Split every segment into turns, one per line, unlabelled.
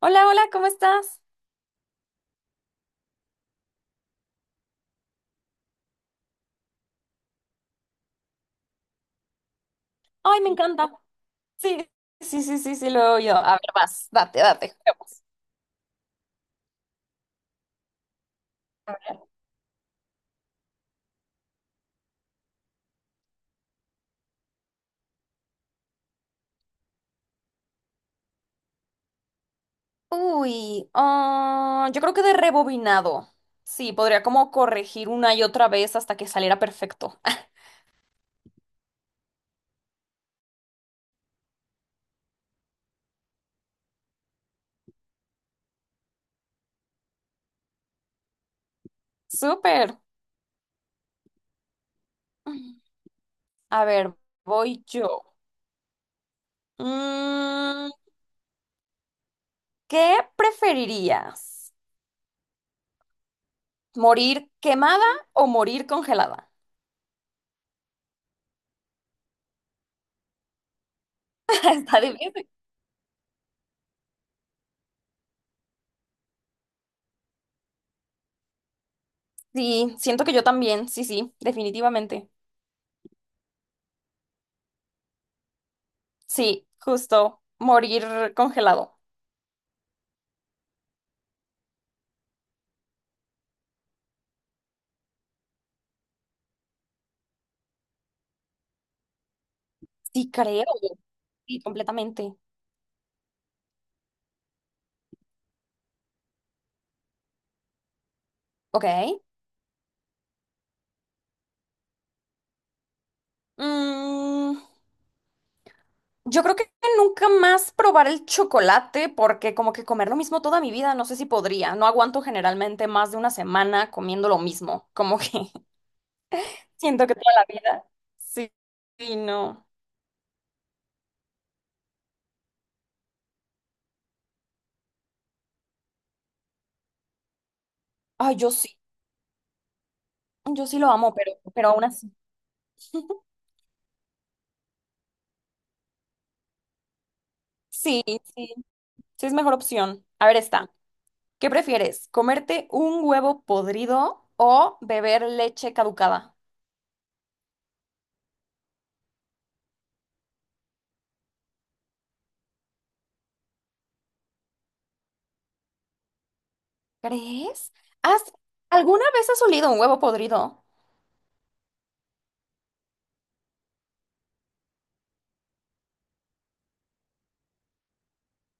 Hola, hola, ¿cómo estás? Ay, me encanta. Sí, sí, sí, sí, sí, lo he oído. A ver, vas, date, date, juguemos. Uy, ah, yo creo que de rebobinado. Sí, podría como corregir una y otra vez hasta que saliera perfecto. Súper. A ver, voy yo. Mm, ¿qué preferirías? ¿Morir quemada o morir congelada? Está difícil. Sí, siento que yo también, sí, sí, definitivamente. Sí, justo, morir congelado. Sí, creo. Sí, completamente. Ok. Mm, yo creo que nunca más probar el chocolate porque como que comer lo mismo toda mi vida, no sé si podría. No aguanto generalmente más de una semana comiendo lo mismo. Como que siento que toda la vida. Sí, sí, no. Ay, yo sí. Yo sí lo amo, pero aún así. Sí, sí. Sí es mejor opción. A ver, esta. ¿Qué prefieres? ¿Comerte un huevo podrido o beber leche caducada? ¿Crees? ¿Has alguna vez has olido un huevo podrido?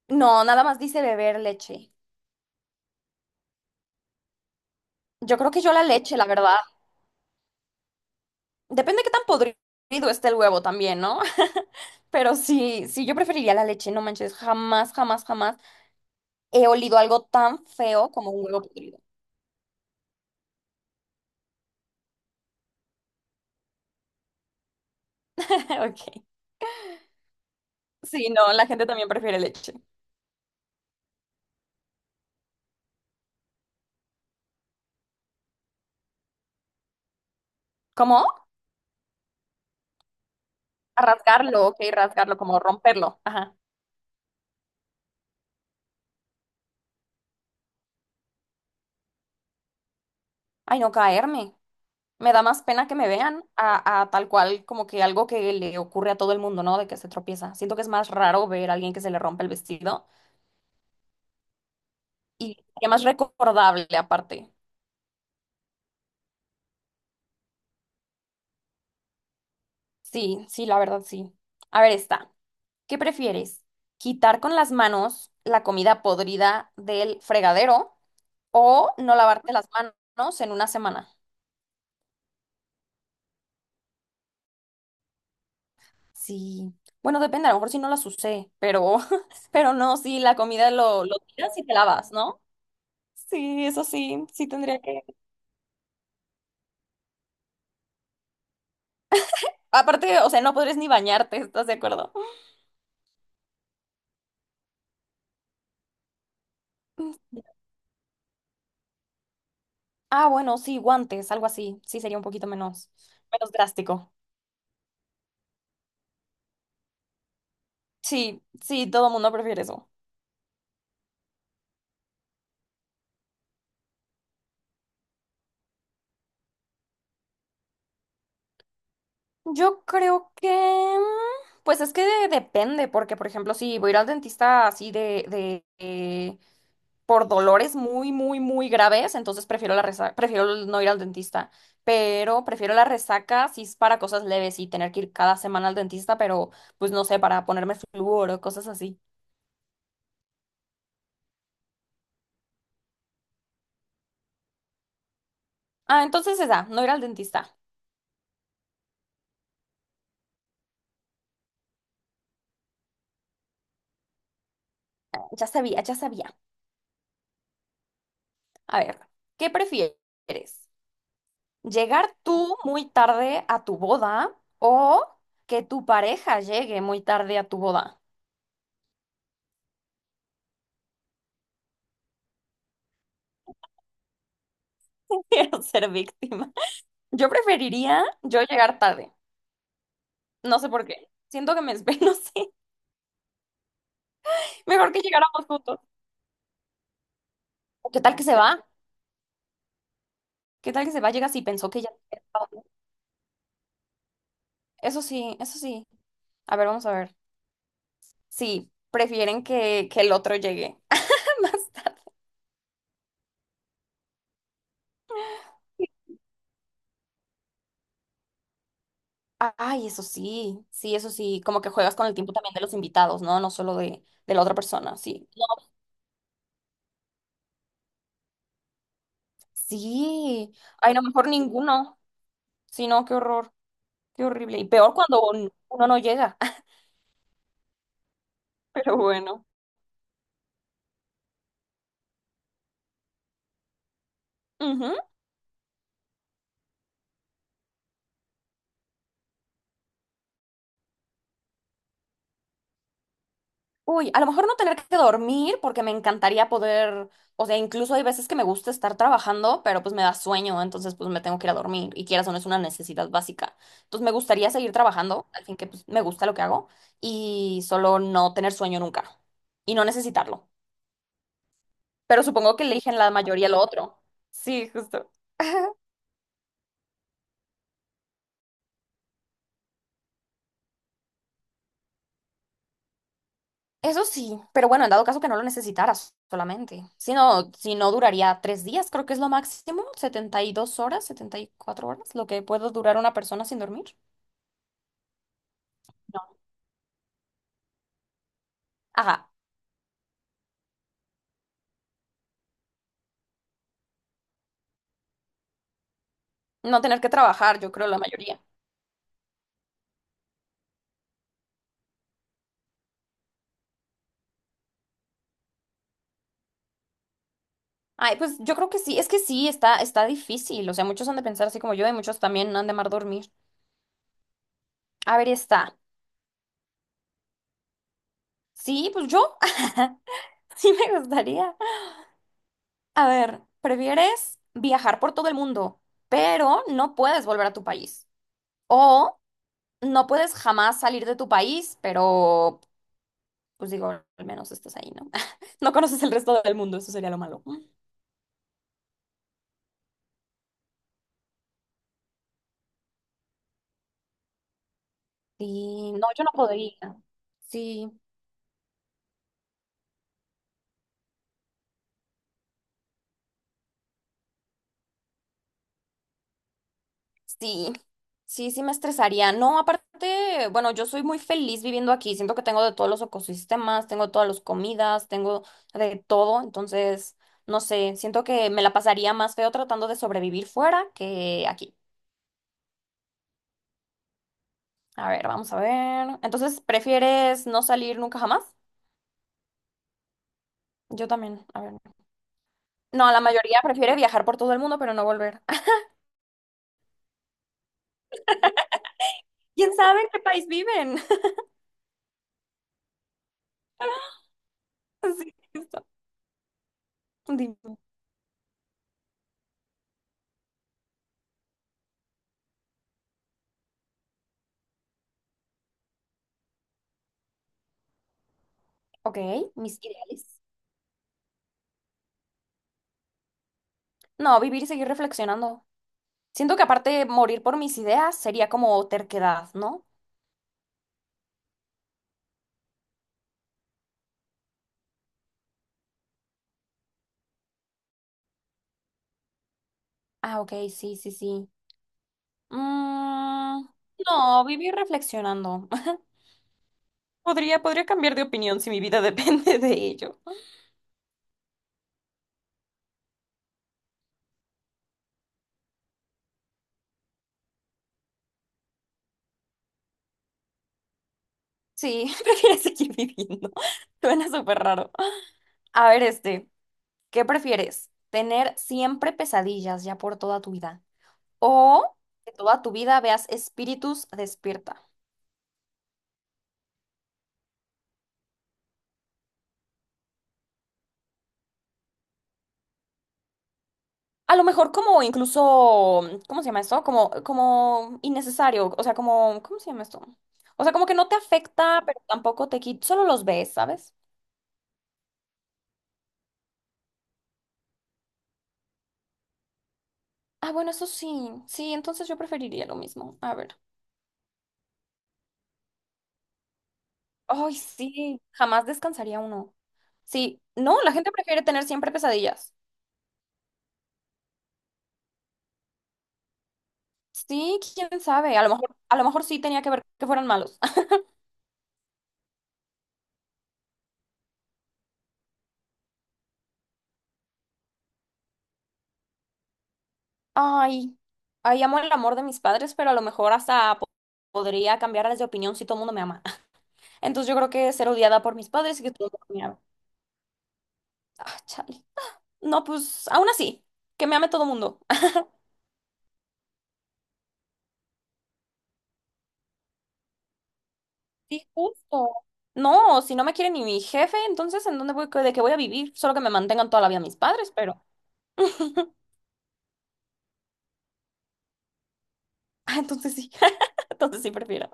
No, nada más dice beber leche. Yo creo que yo la leche, la verdad. Depende qué tan podrido esté el huevo también, ¿no? Pero sí, sí, yo preferiría la leche, no manches. Jamás, jamás, jamás he olido algo tan feo como un huevo podrido. Ok. Sí, no, la gente también prefiere leche. ¿Cómo? A rasgarlo, ok, rasgarlo, como romperlo. Ajá. Ay, no caerme. Me da más pena que me vean a tal cual como que algo que le ocurre a todo el mundo, ¿no? De que se tropieza. Siento que es más raro ver a alguien que se le rompe el vestido y que más recordable aparte. Sí, sí, la verdad sí. A ver, está. ¿Qué prefieres? ¿Quitar con las manos la comida podrida del fregadero o no lavarte las manos en una semana? Sí. Bueno, depende, a lo mejor si no las usé, pero, pero no, sí, la comida lo tiras y te lavas, ¿no? Sí, eso sí, sí tendría que aparte, o sea, no podrías ni bañarte, ¿estás de acuerdo? Ah, bueno, sí, guantes, algo así. Sí, sería un poquito menos, menos drástico. Sí, sí, todo mundo prefiere eso. Yo creo que, mm, pues es que depende, porque por ejemplo, si voy a ir al dentista así por dolores muy, muy, muy graves, entonces prefiero la resaca, prefiero no ir al dentista. Pero prefiero la resaca si es para cosas leves y tener que ir cada semana al dentista, pero pues no sé, para ponerme flúor o cosas así. Ah, entonces esa, no ir al dentista. Ya sabía, ya sabía. A ver, ¿qué prefieres? ¿Llegar tú muy tarde a tu boda o que tu pareja llegue muy tarde a tu boda? Quiero ser víctima. Yo preferiría yo llegar tarde. No sé por qué. Siento que no sé. Mejor que llegáramos juntos. ¿O ¿qué tal que se va? ¿Qué tal que se va? Llega si pensó que ya había estado. Eso sí, eso sí. A ver, vamos a ver. Sí, prefieren que el otro llegue. Más tarde. Ah, ay, eso sí, sí, eso sí, como que juegas con el tiempo también de los invitados, ¿no? No solo de la otra persona, sí. No, sí, ay, no, mejor ninguno, sí, no, qué horror, qué horrible. Y peor cuando uno no llega, pero bueno. Ujú. Uy, a lo mejor no tener que dormir porque me encantaría poder, o sea, incluso hay veces que me gusta estar trabajando, pero pues me da sueño, entonces pues me tengo que ir a dormir y quieras o no es una necesidad básica. Entonces me gustaría seguir trabajando, al fin que pues me gusta lo que hago y solo no tener sueño nunca y no necesitarlo. Pero supongo que eligen la mayoría lo otro. Sí, justo. Eso sí, pero bueno, en dado caso que no lo necesitaras solamente. Si no, si no duraría 3 días, creo que es lo máximo, 72 horas, 74 horas, lo que puede durar una persona sin dormir. No. Ajá, no tener que trabajar, yo creo la mayoría. Ay, pues yo creo que sí, es que sí, está, está difícil. O sea, muchos han de pensar así como yo y muchos también han de amar dormir. A ver, está. Sí, pues yo. Sí me gustaría. A ver, ¿prefieres viajar por todo el mundo, pero no puedes volver a tu país, o no puedes jamás salir de tu país, pero pues digo, al menos estás ahí, ¿no? No conoces el resto del mundo, eso sería lo malo. Sí, no, yo no podría. Sí, sí, sí, sí me estresaría. No, aparte, bueno, yo soy muy feliz viviendo aquí. Siento que tengo de todos los ecosistemas, tengo todas las comidas, tengo de todo. Entonces, no sé, siento que me la pasaría más feo tratando de sobrevivir fuera que aquí. A ver, vamos a ver. Entonces, ¿prefieres no salir nunca jamás? Yo también. A ver. No, la mayoría prefiere viajar por todo el mundo, pero no volver. ¿Quién sabe en qué país viven? Sí, esto. Dime. Ok, mis ideales. No, vivir y seguir reflexionando. Siento que aparte morir por mis ideas sería como terquedad, ¿no? Ah, ok, sí, sí, sí. Mm, no, vivir reflexionando. Podría, podría cambiar de opinión si mi vida depende de ello. Sí, prefiero seguir viviendo. Suena súper raro. A ver, este, ¿qué prefieres? ¿Tener siempre pesadillas ya por toda tu vida, o que toda tu vida veas espíritus despierta? A lo mejor como incluso, ¿cómo se llama esto? Como, como innecesario, o sea, como, ¿cómo se llama esto? O sea, como que no te afecta, pero tampoco te quita, solo los ves, ¿sabes? Ah, bueno, eso sí, sí, entonces yo preferiría lo mismo. A ver. Ay, sí, jamás descansaría uno. Sí, no, la gente prefiere tener siempre pesadillas. Sí, quién sabe, a lo mejor sí tenía que ver que fueran malos. Ay, ay, amo el amor de mis padres, pero a lo mejor hasta podría cambiarles de opinión si todo el mundo me ama. Entonces yo creo que ser odiada por mis padres y que todo el mundo me ama. Ah, chale. No, pues aún así, que me ame todo el mundo. Sí, justo. No, si no me quiere ni mi jefe, entonces ¿en dónde voy, de qué voy a vivir? Solo que me mantengan toda la vida mis padres, pero... Ah, entonces sí, entonces sí prefiero.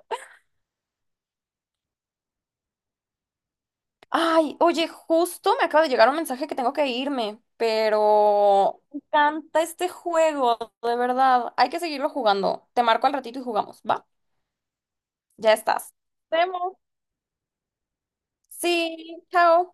Ay, oye, justo me acaba de llegar un mensaje que tengo que irme, pero me encanta este juego, de verdad. Hay que seguirlo jugando. Te marco al ratito y jugamos, ¿va? Ya estás. Nos vemos. Sí, chao.